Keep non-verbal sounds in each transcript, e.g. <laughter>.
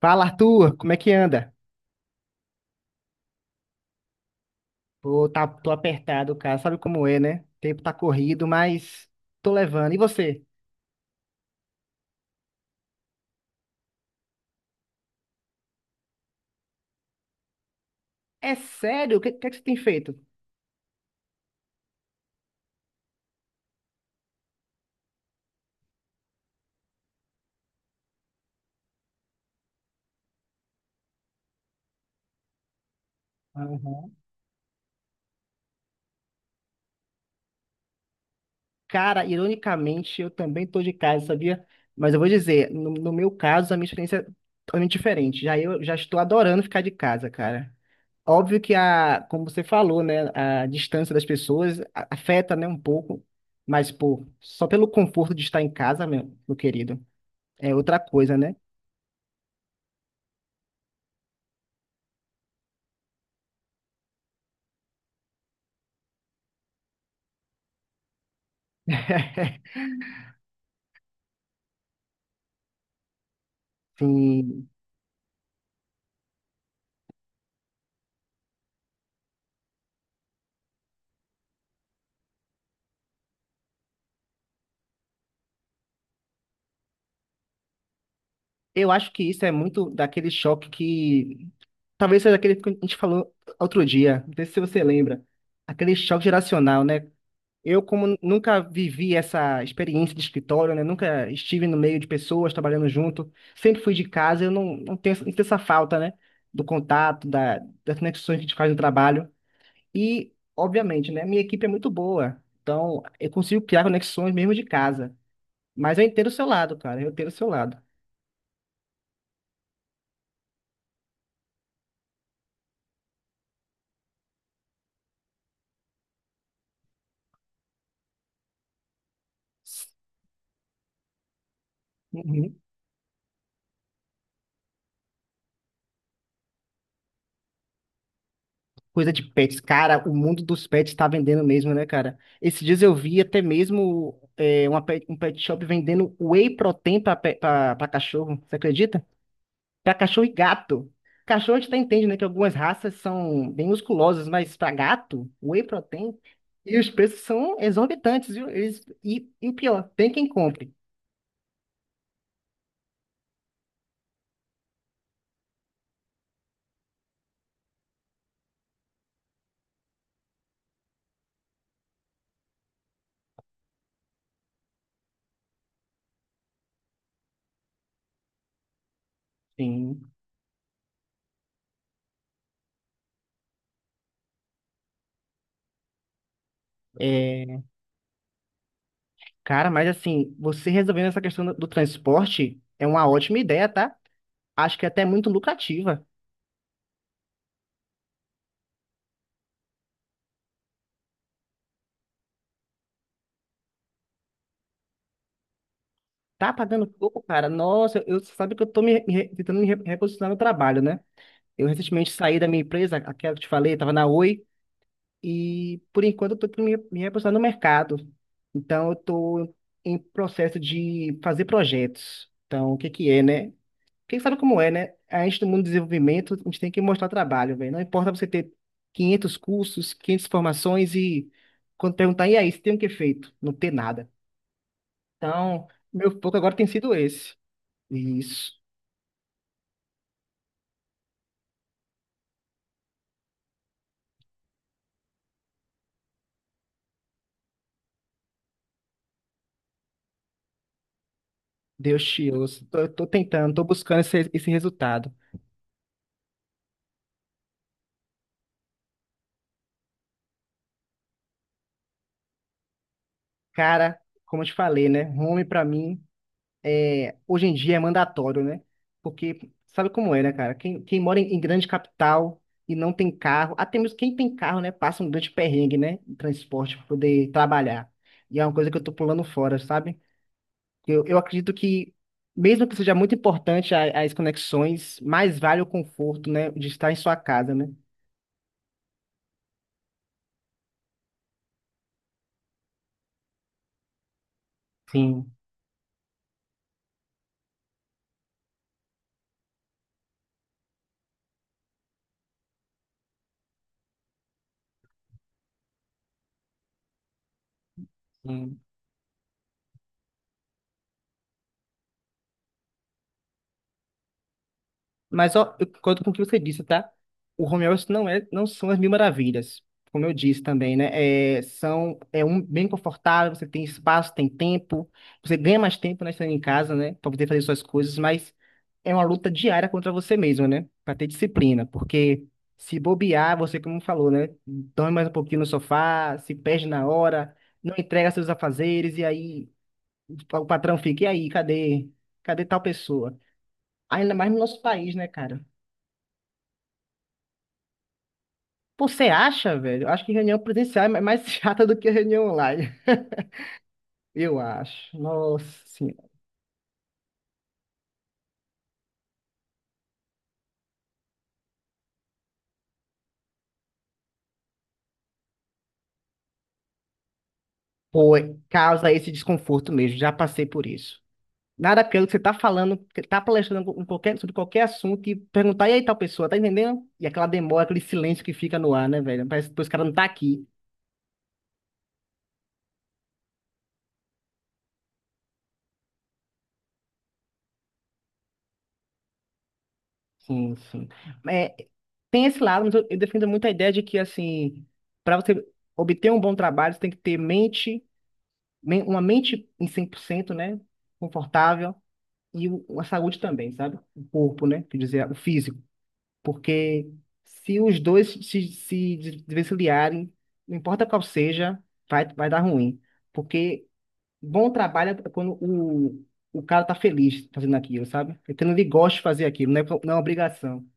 Fala, Arthur, como é que anda? Pô, tá, tô apertado, cara. Sabe como é, né? O tempo tá corrido, mas tô levando. E você? É sério? O que, que é que você tem feito? Aham. Cara, ironicamente, eu também tô de casa, sabia? Mas eu vou dizer, no meu caso, a minha experiência é totalmente diferente. Já eu já estou adorando ficar de casa, cara. Óbvio que a, como você falou, né, a distância das pessoas afeta, né, um pouco, mas pô, só pelo conforto de estar em casa, meu querido, é outra coisa, né? Sim, eu acho que isso é muito daquele choque que. Talvez seja daquele que a gente falou outro dia, não sei se você lembra. Aquele choque geracional, né? Eu, como nunca vivi essa experiência de escritório, né? Nunca estive no meio de pessoas trabalhando junto, sempre fui de casa, eu não, não tenho essa falta, né? Do contato, das conexões que a gente faz no trabalho. E, obviamente, né? Minha equipe é muito boa, então eu consigo criar conexões mesmo de casa. Mas eu entendo o seu lado, cara, eu entendo o seu lado. Coisa de pets. Cara, o mundo dos pets tá vendendo mesmo, né, cara? Esses dias eu vi até mesmo um pet shop vendendo whey protein pra cachorro. Você acredita? Pra cachorro e gato. Cachorro a gente até entende, né, que algumas raças são bem musculosas, mas pra gato, whey protein. E os preços são exorbitantes, viu? Eles, e o pior, tem quem compre. Sim. É, cara, mas assim, você resolvendo essa questão do transporte é uma ótima ideia, tá? Acho que é até muito lucrativa. Tá pagando pouco, cara. Nossa, eu sabe que eu tô tentando me reposicionar no trabalho, né? Eu recentemente saí da minha empresa, aquela que eu te falei, tava na Oi, e por enquanto eu tô tentando me reposicionar no mercado. Então eu tô em processo de fazer projetos. Então, o que que é, né? Quem sabe como é, né? A gente do mundo do desenvolvimento, a gente tem que mostrar trabalho, velho. Não importa você ter 500 cursos, 500 formações e quando perguntar, e aí, você tem o que feito? Não ter nada. Então, meu foco agora tem sido esse. Isso. Deus te ouça. Tô tentando, tô buscando esse resultado. Cara, como eu te falei, né? Home pra mim, hoje em dia é mandatório, né? Porque sabe como é, né, cara? Quem mora em grande capital e não tem carro, até mesmo quem tem carro, né, passa um grande perrengue, né? Em transporte pra poder trabalhar. E é uma coisa que eu tô pulando fora, sabe? Eu acredito que, mesmo que seja muito importante as conexões, mais vale o conforto, né? De estar em sua casa, né? Sim. Sim. Mas ó, eu concordo com o que você disse, tá? O home office não é, não são as mil maravilhas, como eu disse também, né? É, são, é um bem confortável, você tem espaço, tem tempo, você ganha mais tempo, né, estando em casa, né, para poder fazer suas coisas, mas é uma luta diária contra você mesmo, né? Para ter disciplina, porque se bobear, você, como falou, né, dorme mais um pouquinho no sofá, se perde na hora, não entrega seus afazeres, e aí o patrão fica, e aí, cadê? Cadê tal pessoa? Ainda mais no nosso país, né, cara? Pô, você acha, velho? Eu acho que reunião presencial é mais <laughs> chata do que reunião online. Eu acho. Nossa senhora. Pô, causa esse desconforto mesmo. Já passei por isso. Nada pelo que você tá falando, que tá palestrando em sobre qualquer assunto e perguntar, e aí tal pessoa, tá entendendo? E aquela demora, aquele silêncio que fica no ar, né, velho? Parece que os caras não tá aqui. Sim, sim. É, tem esse lado, mas eu defendo muito a ideia de que, assim, para você obter um bom trabalho, você tem que ter uma mente em 100%, né? Confortável e a saúde também, sabe? O corpo, né? Quer dizer, o físico. Porque se os dois se desvencilharem, não importa qual seja, vai dar ruim. Porque bom trabalho é quando o cara tá feliz fazendo aquilo, sabe? É quando ele gosta de fazer aquilo, não é obrigação.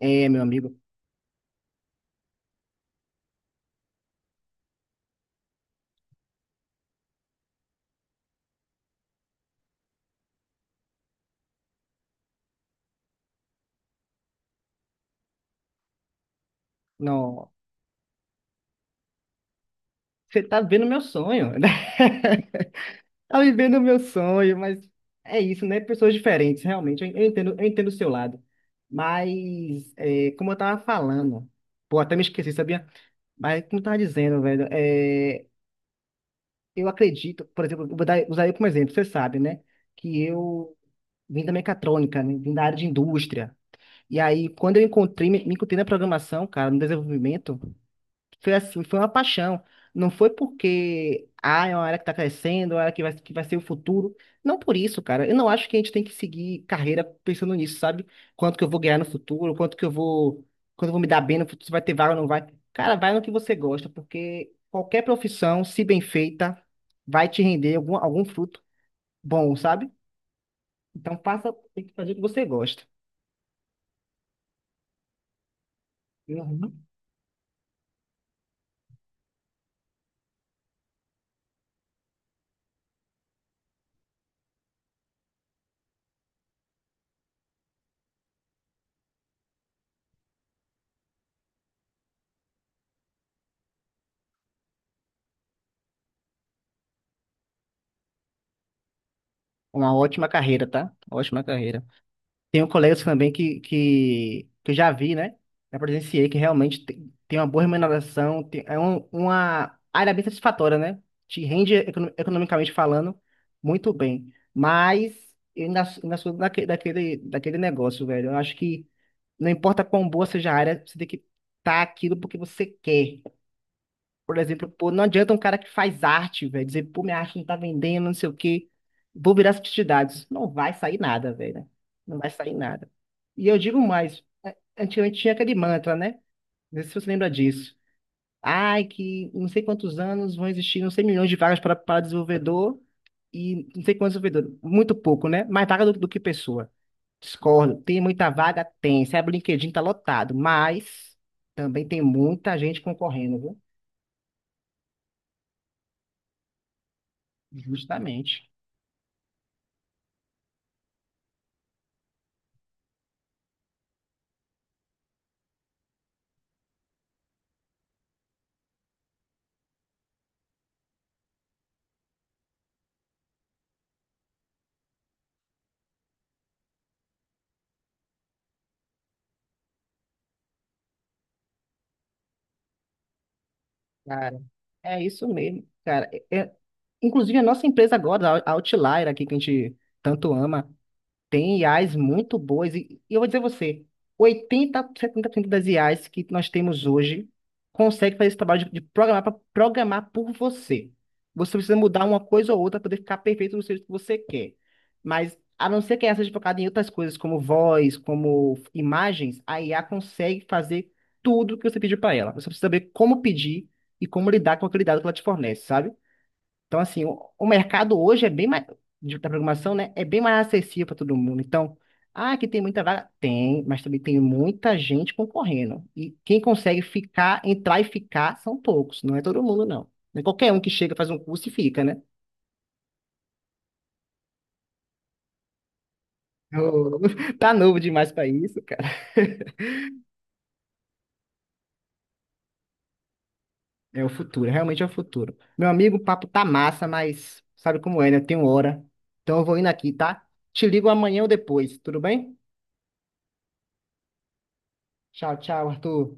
É, meu amigo, não, você tá vendo meu sonho, né? <laughs> Tá vivendo o meu sonho, mas é isso, né? Pessoas diferentes, realmente. Eu entendo o seu lado. Mas, como eu tava falando, pô, até me esqueci, sabia? Mas, como eu tava dizendo, velho, eu acredito, por exemplo, eu vou usar eu como exemplo, você sabe, né? Que eu vim da mecatrônica, né? Vim da área de indústria. E aí, quando me encontrei na programação, cara, no desenvolvimento. Foi assim, foi uma paixão. Não foi porque, é uma área que está crescendo, é uma área que vai ser o futuro. Não por isso, cara. Eu não acho que a gente tem que seguir carreira pensando nisso, sabe? Quanto que eu vou ganhar no futuro, quanto eu vou me dar bem no futuro, se vai ter vaga ou não vai. Cara, vai no que você gosta, porque qualquer profissão, se bem feita, vai te render algum fruto bom, sabe? Então passa, tem que fazer o que você gosta. Uhum. Uma ótima carreira, tá? Ótima carreira. Tenho colegas também que eu já vi, né? Já presenciei que realmente tem uma boa remuneração, uma área bem satisfatória, né? Te rende economicamente falando muito bem. Mas eu ainda sou daquele negócio, velho. Eu acho que não importa quão boa seja a área, você tem que estar aquilo porque você quer. Por exemplo, pô, não adianta um cara que faz arte, velho, dizer, pô, minha arte não tá vendendo, não sei o quê, vou virar publicidade. Não vai sair nada, velho, né? Não vai sair nada. E eu digo mais, antigamente tinha aquele mantra, né? Não sei se você lembra disso. Ai, que não sei quantos anos vão existir, não sei milhões de vagas para desenvolvedor e não sei quantos desenvolvedores. Muito pouco, né? Mais vaga do que pessoa. Discordo. Tem muita vaga? Tem. Se abre o LinkedIn, tá lotado. Mas também tem muita gente concorrendo, viu? Justamente. É isso mesmo, cara. Inclusive, a nossa empresa agora, a Outlier, aqui que a gente tanto ama, tem IAs muito boas, e eu vou dizer a você, 80, 70% das IAs que nós temos hoje consegue fazer esse trabalho de programar para programar por você. Você precisa mudar uma coisa ou outra para poder ficar perfeito no jeito que você quer. Mas, a não ser que essa seja focada em outras coisas, como voz, como imagens, a IA consegue fazer tudo que você pediu para ela. Você precisa saber como pedir e como lidar com aquele dado que ela te fornece, sabe? Então, assim, o mercado hoje é bem mais, da programação, né? É bem mais acessível para todo mundo. Então, que tem muita vaga? Tem, mas também tem muita gente concorrendo. E quem consegue ficar, entrar e ficar são poucos, não é todo mundo, não. Não é qualquer um que chega, faz um curso e fica, né? Ô, <laughs> tá novo demais para isso, cara. <laughs> É o futuro, realmente é o futuro. Meu amigo, o papo tá massa, mas sabe como é, né? Tem hora. Então eu vou indo aqui, tá? Te ligo amanhã ou depois, tudo bem? Tchau, tchau, Arthur.